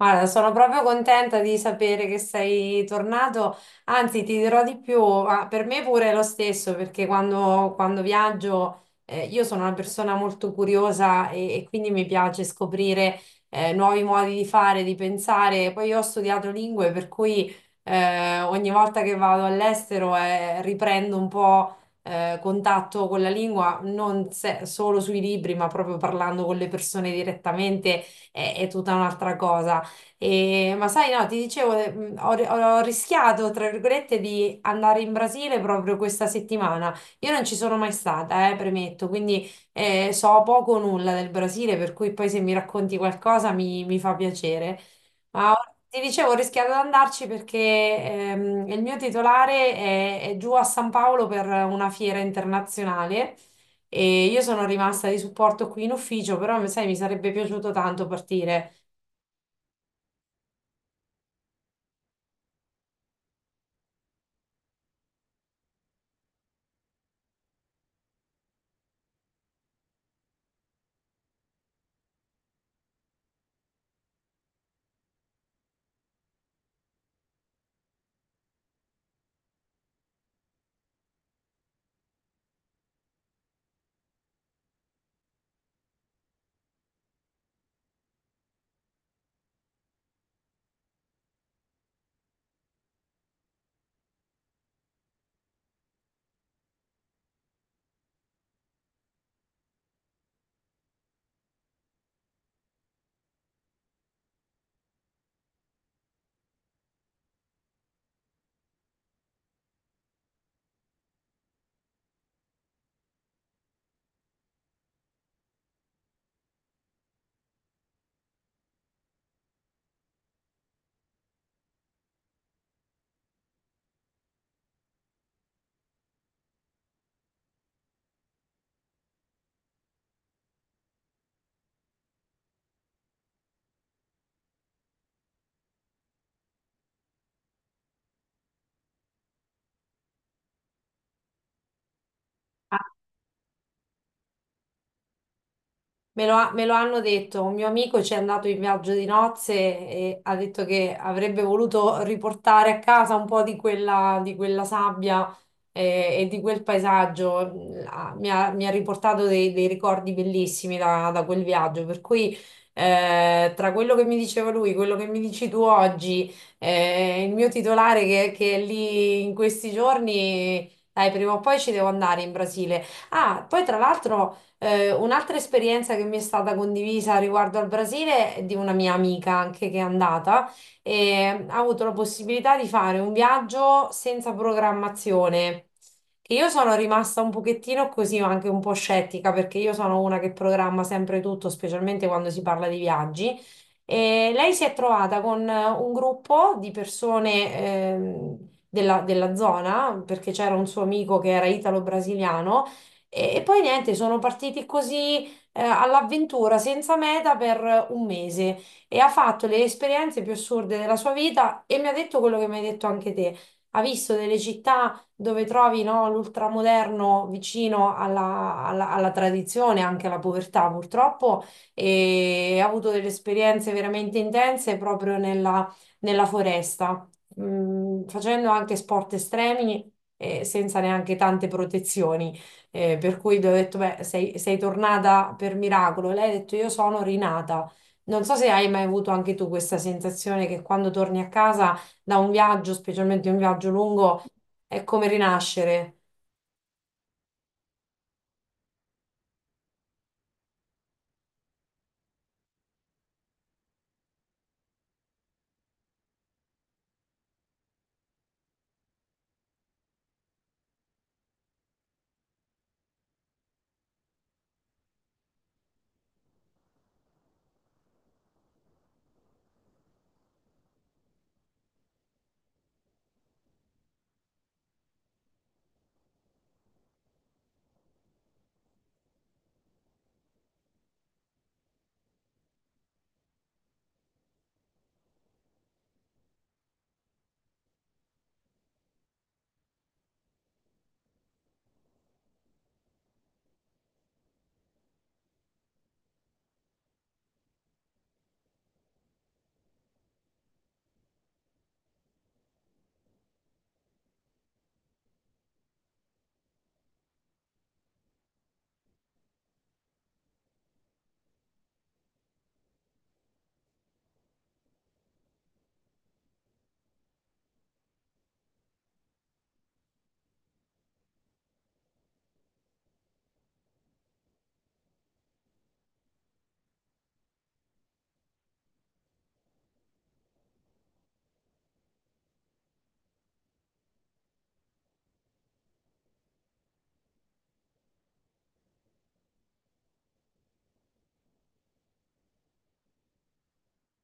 Guarda, sono proprio contenta di sapere che sei tornato, anzi ti dirò di più, ma per me pure è lo stesso, perché quando viaggio, io sono una persona molto curiosa e quindi mi piace scoprire nuovi modi di fare, di pensare. Poi io ho studiato lingue, per cui ogni volta che vado all'estero, riprendo un po' contatto con la lingua, non solo sui libri, ma proprio parlando con le persone direttamente, è tutta un'altra cosa. Ma sai, no, ti dicevo, ho rischiato, tra virgolette, di andare in Brasile proprio questa settimana. Io non ci sono mai stata, premetto, quindi so poco o nulla del Brasile, per cui poi se mi racconti qualcosa mi fa piacere. Ma ti dicevo, ho rischiato di andarci perché il mio titolare è giù a San Paolo per una fiera internazionale. E io sono rimasta di supporto qui in ufficio, però sai, mi sarebbe piaciuto tanto partire. Me lo hanno detto, un mio amico ci è andato in viaggio di nozze e ha detto che avrebbe voluto riportare a casa un po' di quella sabbia e di quel paesaggio. Ah, mi ha riportato dei ricordi bellissimi da quel viaggio, per cui tra quello che mi diceva lui, quello che mi dici tu oggi, il mio titolare che è lì in questi giorni, dai, prima o poi ci devo andare in Brasile. Ah, poi tra l'altro. Un'altra esperienza che mi è stata condivisa riguardo al Brasile è di una mia amica anche che è andata e ha avuto la possibilità di fare un viaggio senza programmazione. Che io sono rimasta un pochettino così, ma anche un po' scettica perché io sono una che programma sempre tutto, specialmente quando si parla di viaggi. E lei si è trovata con un gruppo di persone, della zona, perché c'era un suo amico che era italo-brasiliano e poi niente, sono partiti così, all'avventura, senza meta, per un mese, e ha fatto le esperienze più assurde della sua vita e mi ha detto quello che mi hai detto anche te. Ha visto delle città dove trovi, no, l'ultramoderno vicino alla tradizione, anche alla povertà purtroppo, e ha avuto delle esperienze veramente intense proprio nella foresta, facendo anche sport estremi e senza neanche tante protezioni. Per cui gli ho detto, beh, sei tornata per miracolo. E lei ha detto, io sono rinata. Non so se hai mai avuto anche tu questa sensazione che quando torni a casa da un viaggio, specialmente un viaggio lungo, è come rinascere.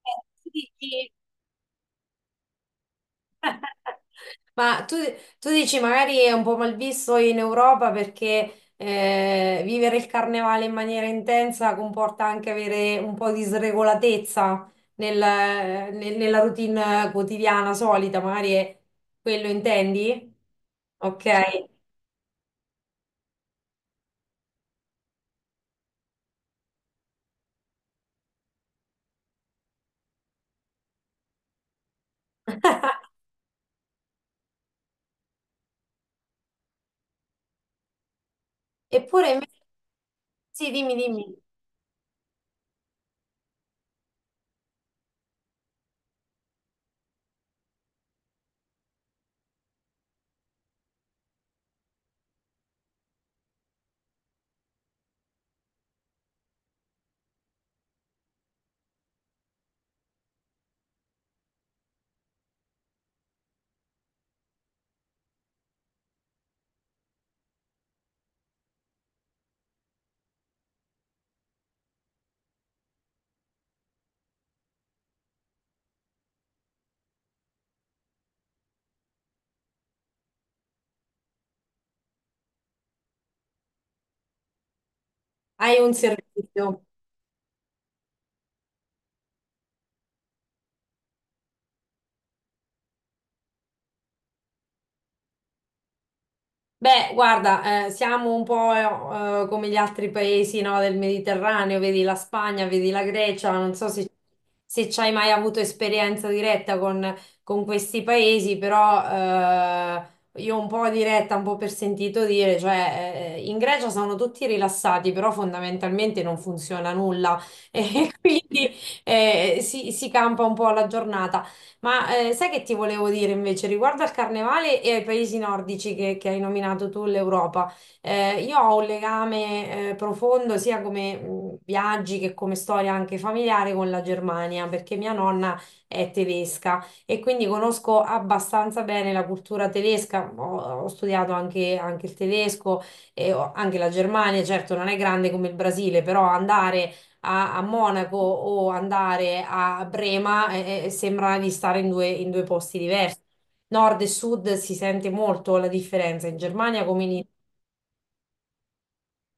Eh, Sì, sì. Ma tu dici, magari è un po' malvisto in Europa perché vivere il carnevale in maniera intensa comporta anche avere un po' di sregolatezza nella routine quotidiana solita, magari è quello intendi? Ok. Eppure invece, sì, dimmi, dimmi, hai un servizio. Beh, guarda, siamo un po', come gli altri paesi, no, del Mediterraneo, vedi la Spagna, vedi la Grecia, non so se ci hai mai avuto esperienza diretta con questi paesi, però eh, io un po' diretta, un po' per sentito dire, cioè in Grecia sono tutti rilassati, però fondamentalmente non funziona nulla e quindi si campa un po' alla giornata. Ma sai che ti volevo dire invece riguardo al carnevale e ai paesi nordici che hai nominato tu, l'Europa? Io ho un legame profondo sia come viaggi che come storia anche familiare con la Germania, perché mia nonna è tedesca e quindi conosco abbastanza bene la cultura tedesca. Ho studiato anche il tedesco e anche la Germania, certo non è grande come il Brasile, però andare a Monaco o andare a Brema, sembra di stare in due posti diversi. Nord e sud si sente molto la differenza in Germania, come in.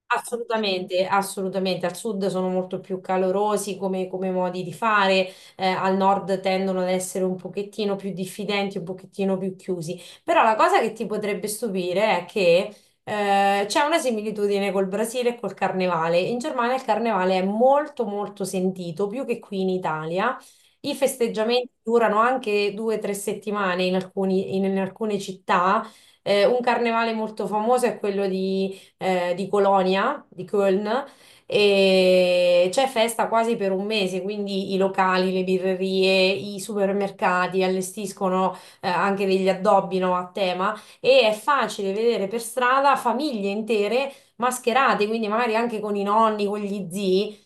Assolutamente, assolutamente. Al sud sono molto più calorosi come modi di fare, al nord tendono ad essere un pochettino più diffidenti, un pochettino più chiusi. Però la cosa che ti potrebbe stupire è che c'è una similitudine col Brasile e col Carnevale. In Germania il Carnevale è molto molto sentito, più che qui in Italia. I festeggiamenti durano anche 2 o 3 settimane in in alcune città. Un carnevale molto famoso è quello di Colonia, di Köln, e c'è festa quasi per un mese, quindi i locali, le birrerie, i supermercati allestiscono anche degli addobbi, no, a tema, e è facile vedere per strada famiglie intere mascherate, quindi magari anche con i nonni, con gli zii.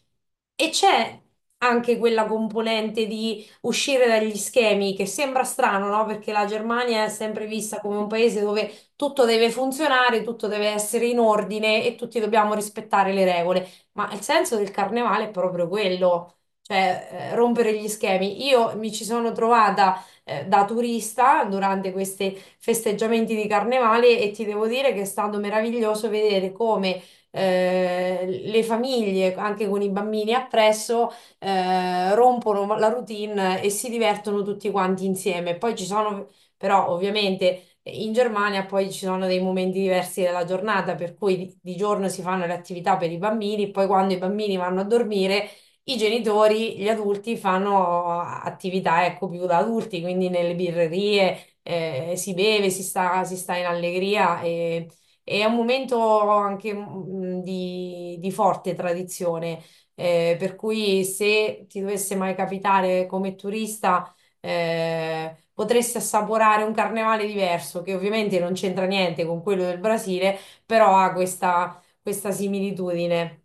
E c'è anche quella componente di uscire dagli schemi che sembra strano, no? Perché la Germania è sempre vista come un paese dove tutto deve funzionare, tutto deve essere in ordine e tutti dobbiamo rispettare le regole. Ma il senso del carnevale è proprio quello, cioè rompere gli schemi. Io mi ci sono trovata da turista durante questi festeggiamenti di carnevale e ti devo dire che è stato meraviglioso vedere come le famiglie, anche con i bambini appresso, rompono la routine e si divertono tutti quanti insieme. Poi ci sono, però ovviamente in Germania poi ci sono dei momenti diversi della giornata, per cui di giorno si fanno le attività per i bambini, poi quando i bambini vanno a dormire, i genitori, gli adulti fanno attività, ecco, più da adulti, quindi nelle birrerie, si beve, si sta in allegria, e è un momento anche, di forte tradizione. Per cui se ti dovesse mai capitare come turista, potresti assaporare un carnevale diverso, che ovviamente non c'entra niente con quello del Brasile, però ha questa similitudine.